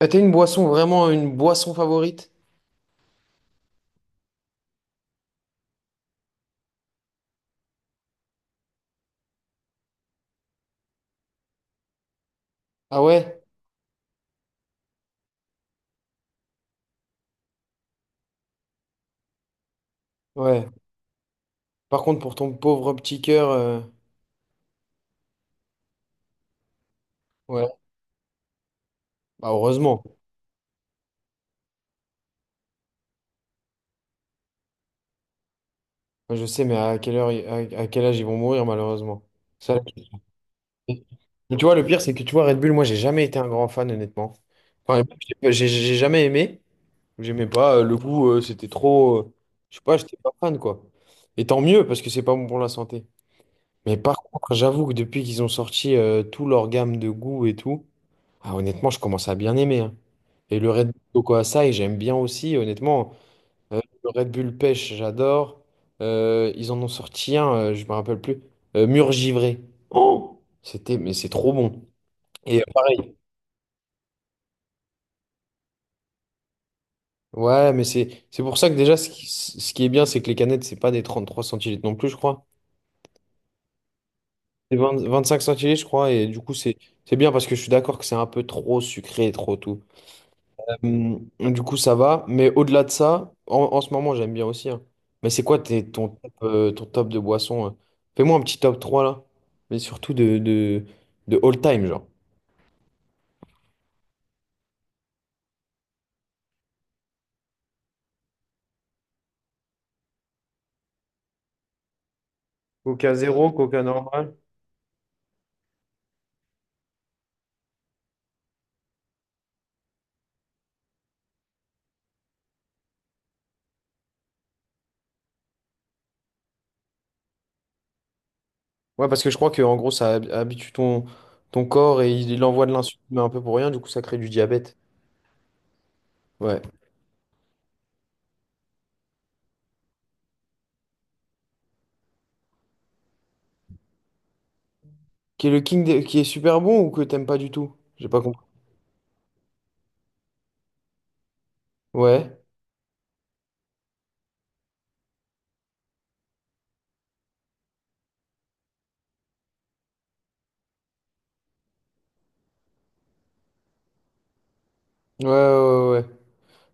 Ah, t'as une boisson, vraiment une boisson favorite? Ah ouais? Ouais. Par contre, pour ton pauvre petit cœur, ouais. Bah, heureusement. Moi, je sais, mais à quelle heure, à quel âge ils vont mourir, malheureusement. Ça, la question. Mais tu vois, le pire, c'est que tu vois, Red Bull, moi, j'ai jamais été un grand fan, honnêtement. Enfin, j'ai jamais aimé. J'aimais pas le goût, c'était trop. Je sais pas, j'étais pas fan, quoi. Et tant mieux, parce que c'est pas bon pour la santé. Mais par contre, j'avoue que depuis qu'ils ont sorti tout leur gamme de goût et tout. Ah, honnêtement, je commence à bien aimer, hein. Et le Red Bull Coco Açaï, j'aime bien aussi, honnêtement. Le Red Bull Pêche, j'adore. Ils en ont sorti un, je me rappelle plus. Mur Givré. Oh! C'était, mais c'est trop bon. Et pareil. Ouais, mais c'est pour ça que déjà, ce qui est bien, c'est que les canettes, c'est pas des 33 centilitres non plus, je crois. C'est vingt cinq centilitres, je crois. Et du coup, c'est bien parce que je suis d'accord que c'est un peu trop sucré et trop tout. Du coup, ça va. Mais au-delà de ça, en ce moment, j'aime bien aussi, hein. Mais c'est quoi ton top de boisson Fais-moi un petit top 3 là. Mais surtout de all time, genre. Coca zéro, Coca normal. Ouais, parce que je crois que en gros, ça habitue ton corps et il envoie de l'insuline, mais un peu pour rien. Du coup, ça crée du diabète. Ouais. Qui est le king de- qui est super bon ou que t'aimes pas du tout? J'ai pas compris. Ouais. Ouais, ouais, ouais, ouais.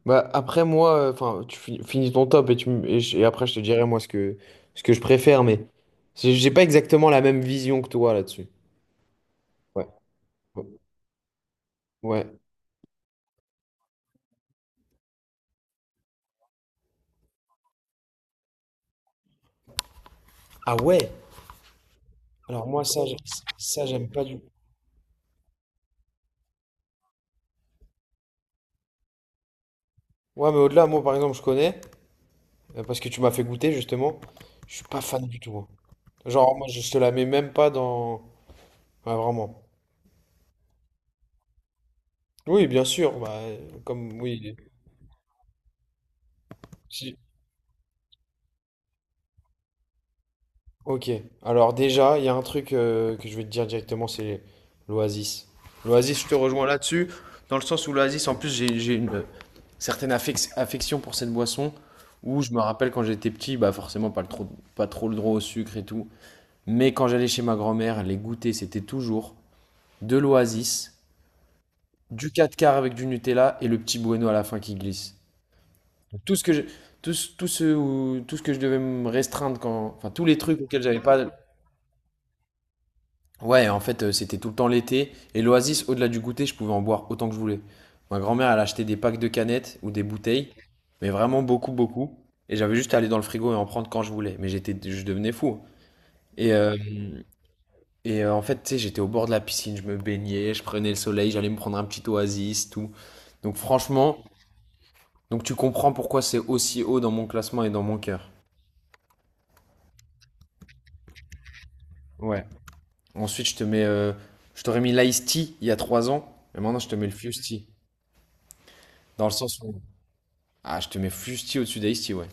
Bah, après, moi, enfin, finis ton top et, tu, m- et, je- et après, je te dirai, moi, ce que je préfère, mais j'ai pas exactement la même vision que toi là-dessus. Ouais. Ouais. Ah ouais? Alors, moi, ça, ça, j'aime pas du tout. Ouais, mais au-delà, moi, par exemple, je connais, parce que tu m'as fait goûter, justement. Je suis pas fan du tout, hein. Genre, moi, je te la mets même pas dans. Ouais, vraiment. Oui, bien sûr. Bah, comme, oui. si Ok, alors déjà, il y a un truc que je vais te dire directement, c'est l'Oasis. L'Oasis, je te rejoins là-dessus, dans le sens où l'Oasis, en plus, j'ai une certaine affection pour cette boisson, où je me rappelle quand j'étais petit, bah forcément pas trop le droit au sucre et tout, mais quand j'allais chez ma grand-mère, les goûters c'était toujours de l'Oasis, du 4 quarts avec du Nutella et le petit bueno à la fin qui glisse. Donc, Tout ce que je, tout ce, où- tout ce que je devais me restreindre quand, enfin tous les trucs auxquels j'avais pas. Ouais, en fait, c'était tout le temps l'été. Et l'Oasis, au-delà du goûter, je pouvais en boire autant que je voulais. Ma grand-mère, elle achetait des packs de canettes ou des bouteilles, mais vraiment beaucoup, beaucoup. Et j'avais juste à aller dans le frigo et en prendre quand je voulais. Mais j'étais, je devenais fou. Et, euh, et, en fait, tu sais, j'étais au bord de la piscine, je me baignais, je prenais le soleil, j'allais me prendre un petit oasis, tout. Donc franchement, tu comprends pourquoi c'est aussi haut dans mon classement et dans mon cœur. Ouais. Ensuite, je t'aurais mis l'Ice Tea il y a 3 ans, et maintenant je te mets le Fuse Tea. Dans le sens où Ah, je te mets fusti au-dessus d'Aïsti, ouais.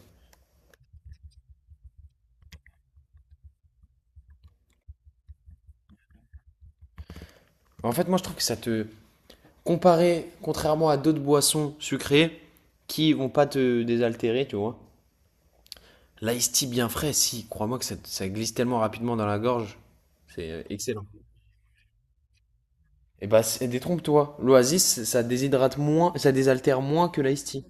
En fait, moi, je trouve que ça te. Comparé, contrairement à d'autres boissons sucrées qui vont pas te désaltérer, tu vois. L'Aïsti bien frais, si, crois-moi que ça glisse tellement rapidement dans la gorge. C'est excellent. Et bah, détrompe-toi. L'Oasis, ça déshydrate moins, ça désaltère moins que l'Aïsti.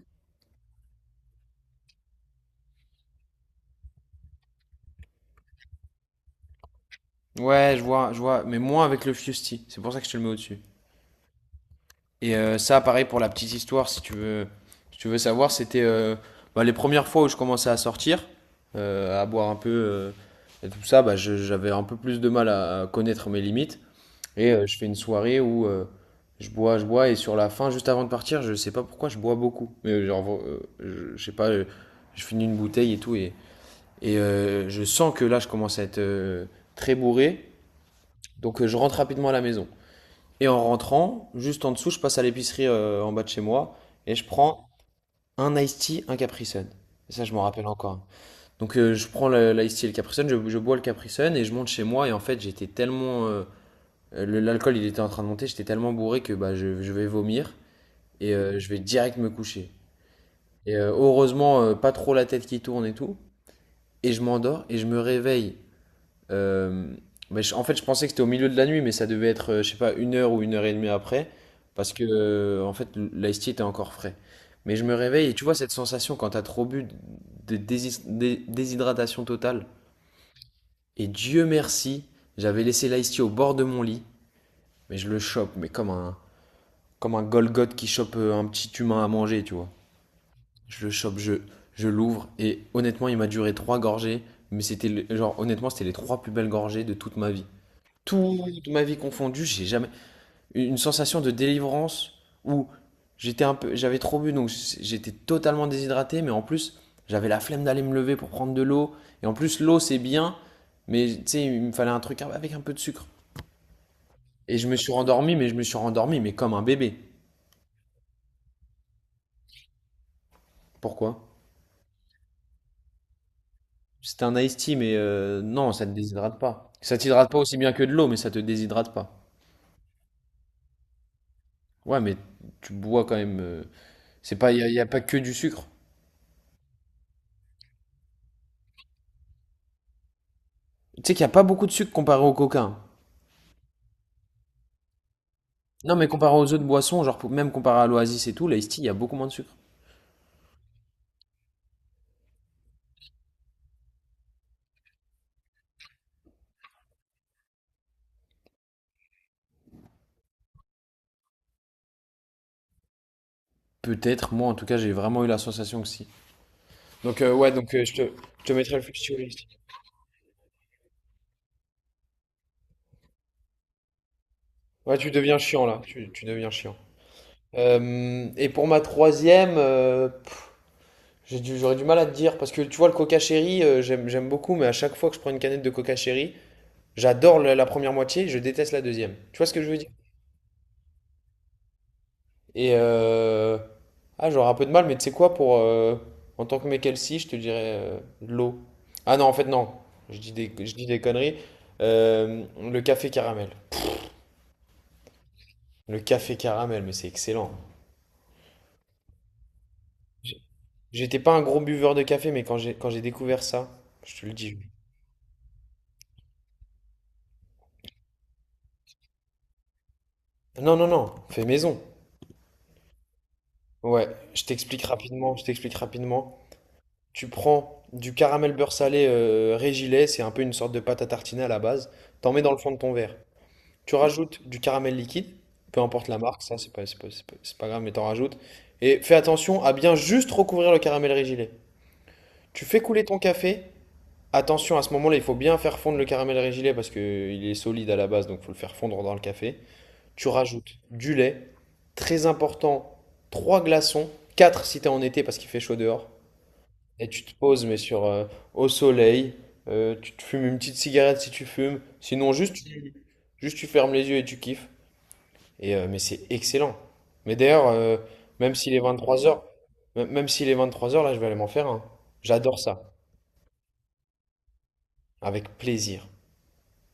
Ouais, je vois, mais moins avec le fusti. C'est pour ça que je te le mets au-dessus. Et ça, pareil pour la petite histoire, si tu veux, savoir, c'était bah, les premières fois où je commençais à sortir, à boire un peu et tout ça, bah, j'avais un peu plus de mal à connaître mes limites. Et je fais une soirée où je bois, et sur la fin, juste avant de partir, je sais pas pourquoi je bois beaucoup. Mais genre, je sais pas, je finis une bouteille et tout, et, je sens que là, je commence à être très bourré. Donc je rentre rapidement à la maison. Et en rentrant, juste en dessous, je passe à l'épicerie en bas de chez moi et je prends un iced tea, un Capri Sun. Et ça, je m'en rappelle encore. Donc, je prends l'iced tea et le Capri Sun, je bois le Capri Sun et je monte chez moi. Et en fait, l'alcool, il était en train de monter, j'étais tellement bourré que bah, je vais vomir et je vais direct me coucher. Et heureusement, pas trop la tête qui tourne et tout. Et je m'endors et je me réveille. Euh, mais en fait, je pensais que c'était au milieu de la nuit, mais ça devait être, je sais pas, 1 heure ou 1 heure et demie après, parce que, en fait, l'ice tea était encore frais. Mais je me réveille et tu vois cette sensation quand t'as trop bu de déshydratation totale. Et Dieu merci, j'avais laissé l'ice tea au bord de mon lit, mais je le chope, mais comme un Golgoth qui chope un petit humain à manger, tu vois. Je le chope, je l'ouvre, et honnêtement, il m'a duré 3 gorgées, mais c'était, genre, honnêtement, c'était les trois plus belles gorgées de toute ma vie. Toute ma vie confondue, j'ai jamais une sensation de délivrance où j'étais un peu, j'avais trop bu, donc j'étais totalement déshydraté, mais en plus j'avais la flemme d'aller me lever pour prendre de l'eau. Et en plus l'eau c'est bien, mais tu sais il me fallait un truc avec un peu de sucre. Et je me suis rendormi, mais je me suis rendormi, mais comme un bébé. Pourquoi? C'était un iced tea, mais non, ça te déshydrate pas. Ça t'hydrate pas aussi bien que de l'eau, mais ça te déshydrate pas. Ouais, mais tu bois quand même, c'est pas, il y, a y a pas que du sucre. Tu sais qu'il y a pas beaucoup de sucre comparé au coca, hein. Non, mais comparé aux autres boissons, genre même comparé à l'Oasis et tout, l'Ice Tea, il y a beaucoup moins de sucre. Peut-être, moi en tout cas, j'ai vraiment eu la sensation que si. Donc, ouais, donc je te mettrai le flux sur l'Ice Tea. Ouais, tu deviens chiant là, tu deviens chiant. Et pour ma troisième, j'aurais du mal à te dire parce que tu vois, le Coca Cherry, j'aime beaucoup, mais à chaque fois que je prends une canette de Coca Cherry, j'adore la première moitié, je déteste la deuxième. Tu vois ce que je veux dire? Et ah, j'aurais un peu de mal, mais tu sais quoi, pour en tant que mec LC, je te dirais de l'eau. Ah non, en fait, non, je dis des conneries. Le café caramel. Le café caramel, mais c'est excellent. J'étais pas un gros buveur de café, mais quand j'ai découvert ça, je te le dis. Non, non, non, fais maison. Ouais, je t'explique rapidement, je t'explique rapidement. Tu prends du caramel beurre salé Régilet, c'est un peu une sorte de pâte à tartiner à la base. T'en mets dans le fond de ton verre. Tu rajoutes du caramel liquide, peu importe la marque, ça c'est pas grave, mais t'en rajoutes. Et fais attention à bien juste recouvrir le caramel régilet. Tu fais couler ton café. Attention, à ce moment-là, il faut bien faire fondre le caramel régilet parce qu'il est solide à la base, donc il faut le faire fondre dans le café. Tu rajoutes du lait, très important, 3 glaçons, 4 si t'es en été parce qu'il fait chaud dehors. Et tu te poses, au soleil, tu te fumes une petite cigarette si tu fumes. Sinon, juste tu fermes les yeux et tu kiffes. Et, mais c'est excellent. Mais d'ailleurs, même s'il est 3 heures, même s'il est trois heures là, je vais aller m'en faire un. J'adore ça. Avec plaisir.